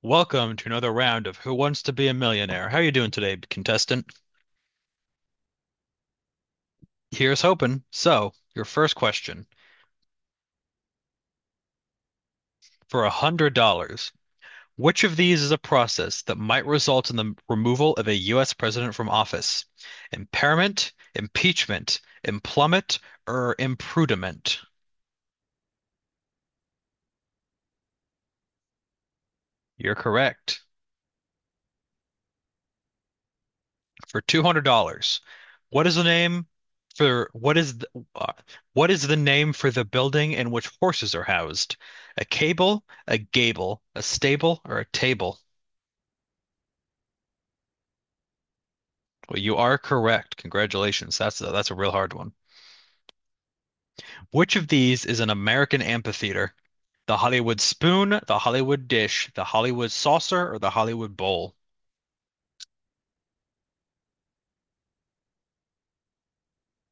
Welcome to another round of Who Wants to Be a Millionaire? How are you doing today, contestant? Here's hoping. So, your first question for $100. Which of these is a process that might result in the removal of a U.S. president from office? Impairment, impeachment, implummit, or imprudiment? You're correct. For $200. What is the name for what is the, uh, what is the name for the building in which horses are housed? A cable, a gable, a stable, or a table? Well, you are correct. Congratulations. That's a real hard one. Which of these is an American amphitheater? The Hollywood spoon, the Hollywood dish, the Hollywood saucer, or the Hollywood bowl?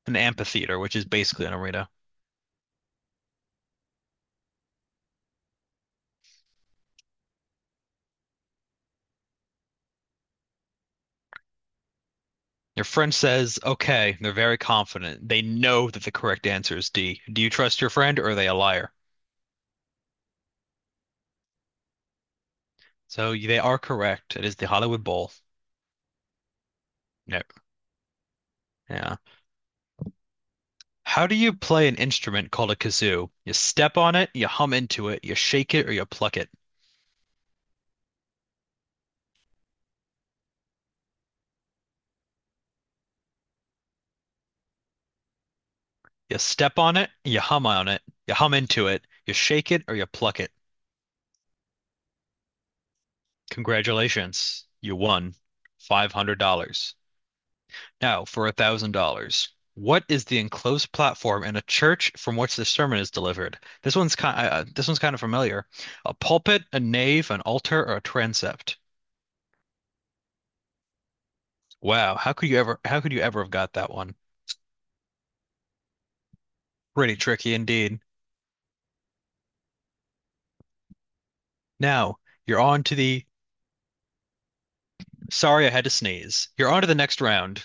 An amphitheater, which is basically an arena. Your friend says, okay, they're very confident. They know that the correct answer is D. Do you trust your friend or are they a liar? So they are correct. It is the Hollywood Bowl. No, yeah. How do you play an instrument called a kazoo? You step on it, you hum into it, you shake it or you pluck it. You step on it, you hum into it, you shake it or you pluck it. Congratulations. You won $500. Now, for $1,000, what is the enclosed platform in a church from which the sermon is delivered? This one's kind of familiar. A pulpit, a nave, an altar, or a transept. Wow, How could you ever have got that one? Pretty tricky indeed. Now you're on to the. Sorry, I had to sneeze. You're on to the next round.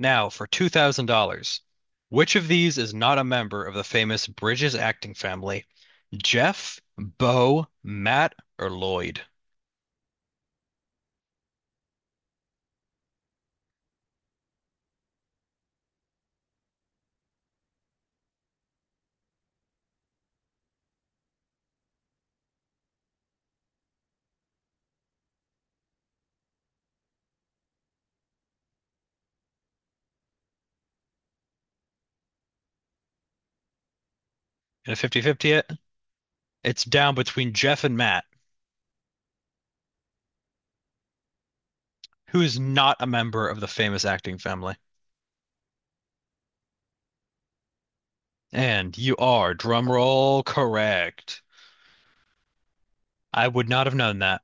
Now for $2,000. Which of these is not a member of the famous Bridges acting family? Jeff, Bo, Matt, or Lloyd? In a 50-fifty 50. It's down between Jeff and Matt, who is not a member of the famous acting family. And you are, drumroll, correct. I would not have known that.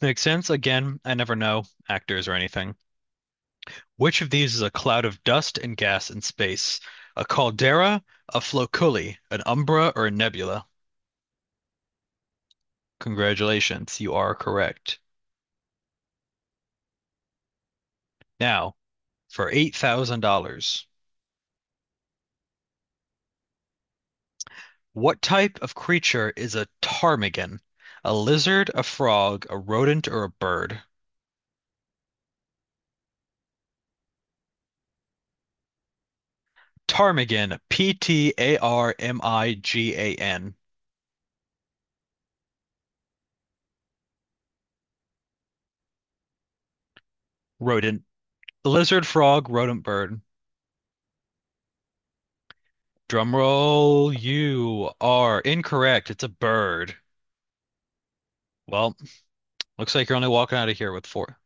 Makes sense. Again, I never know actors or anything. Which of these is a cloud of dust and gas in space? A caldera, a floculi, an umbra, or a nebula? Congratulations, you are correct. Now, for $8,000, what type of creature is a ptarmigan? A lizard, a frog, a rodent, or a bird? Ptarmigan, Ptarmigan, rodent, lizard frog, rodent bird. Drumroll, you are incorrect. It's a bird. Well, looks like you're only walking out of here with four.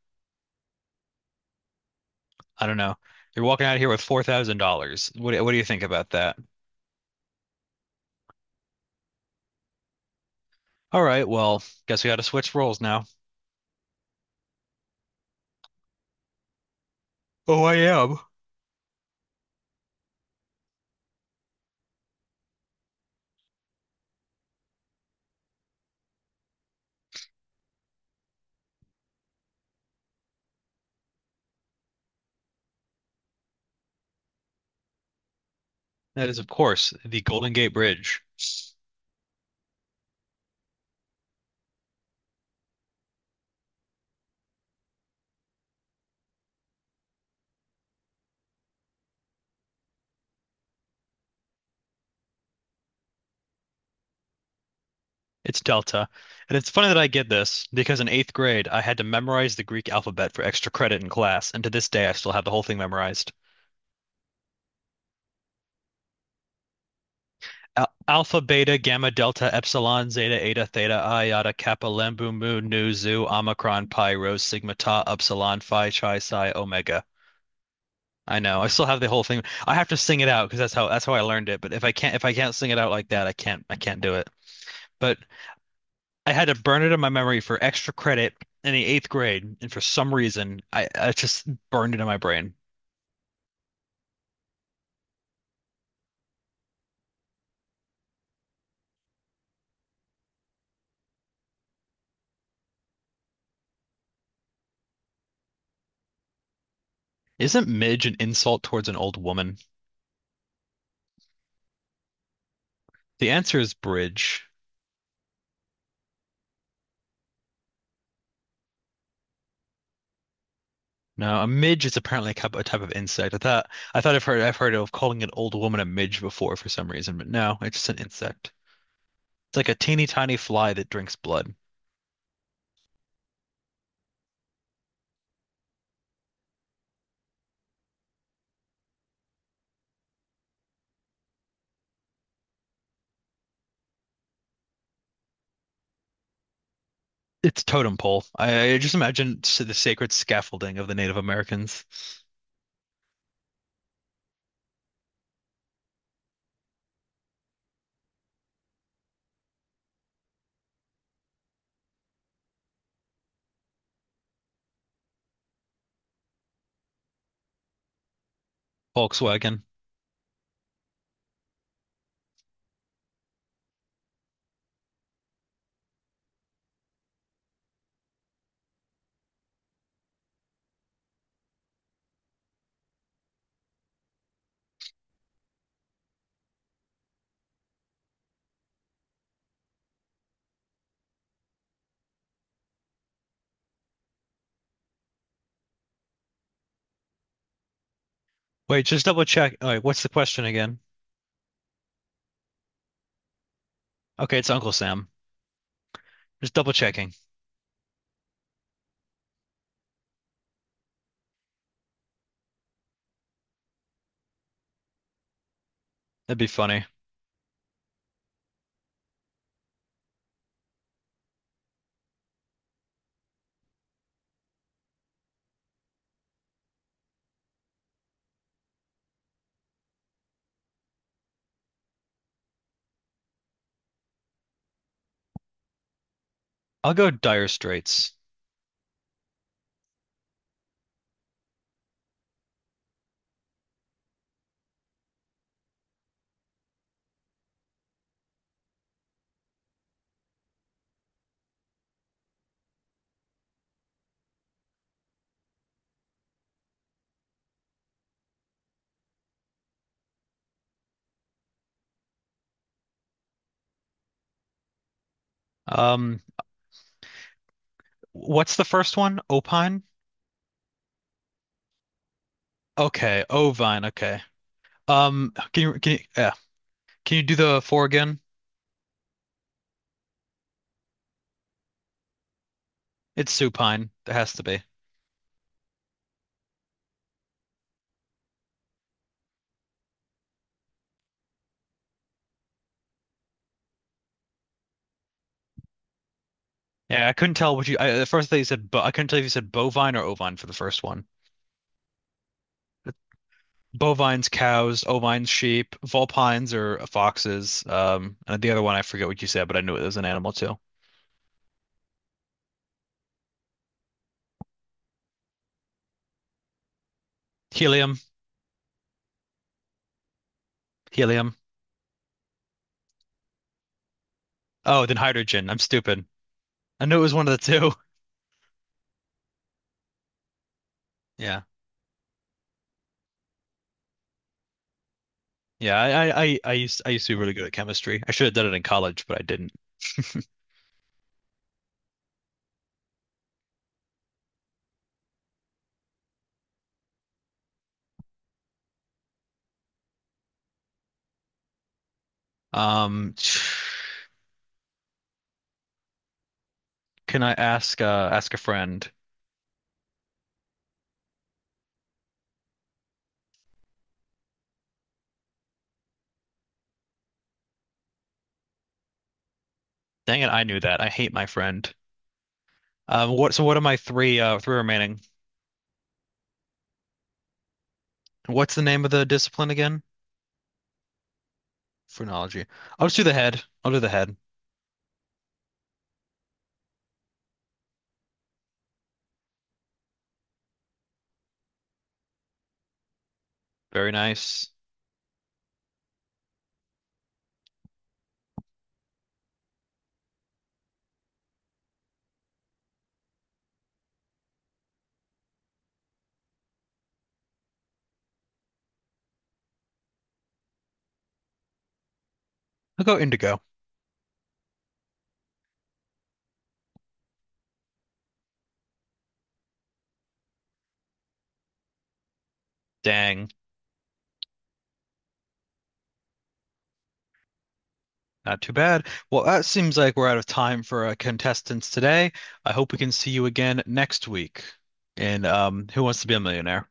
I don't know. You're walking out of here with $4,000. What, what do you think about that? All right, well, guess we got to switch roles now. Oh, I am. That is, of course, the Golden Gate Bridge. It's delta. And it's funny that I get this because in eighth grade, I had to memorize the Greek alphabet for extra credit in class. And to this day, I still have the whole thing memorized. Al alpha, beta, gamma, delta, epsilon, zeta, eta, theta, iota, kappa, lembu, mu, nu, zu, omicron, pi, rho, sigma, tau, upsilon, phi, chi, psi, omega. I know. I still have the whole thing. I have to sing it out because that's how I learned it. But if I can't sing it out like that, I can't do it. But I had to burn it in my memory for extra credit in the eighth grade, and for some reason, I just burned it in my brain. Isn't midge an insult towards an old woman? The answer is bridge. No, a midge is apparently a type of insect. I thought I've heard of calling an old woman a midge before for some reason, but no, it's just an insect. It's like a teeny tiny fly that drinks blood. It's totem pole. I just imagine the sacred scaffolding of the Native Americans. Volkswagen. Wait, just double check. All right, what's the question again? Okay, it's Uncle Sam. Just double checking. That'd be funny. I'll go Dire Straits. Um, what's the first one? Opine? Okay, Ovine. Okay. Yeah. Can you do the four again? It's supine. There has to be. Yeah, I couldn't tell what you. I, the first thing you said, but I couldn't tell if you said bovine or ovine for the first one. Bovines, cows. Ovines, sheep. Vulpines are foxes. And the other one I forget what you said, but I knew it was an animal too. Helium, helium. Oh, then hydrogen. I'm stupid. I knew it was one of the two. Yeah. Yeah, I used to be really good at chemistry. I should have done it in college, but I didn't. Um, can I ask ask a friend? Dang it, I knew that. I hate my friend. What are my three three remaining? What's the name of the discipline again? Phrenology. I'll just do the head. I'll do the head. Very nice. I'll go indigo. Dang, not too bad. Well, that seems like we're out of time for contestants today. I hope we can see you again next week. And Who Wants to Be a Millionaire?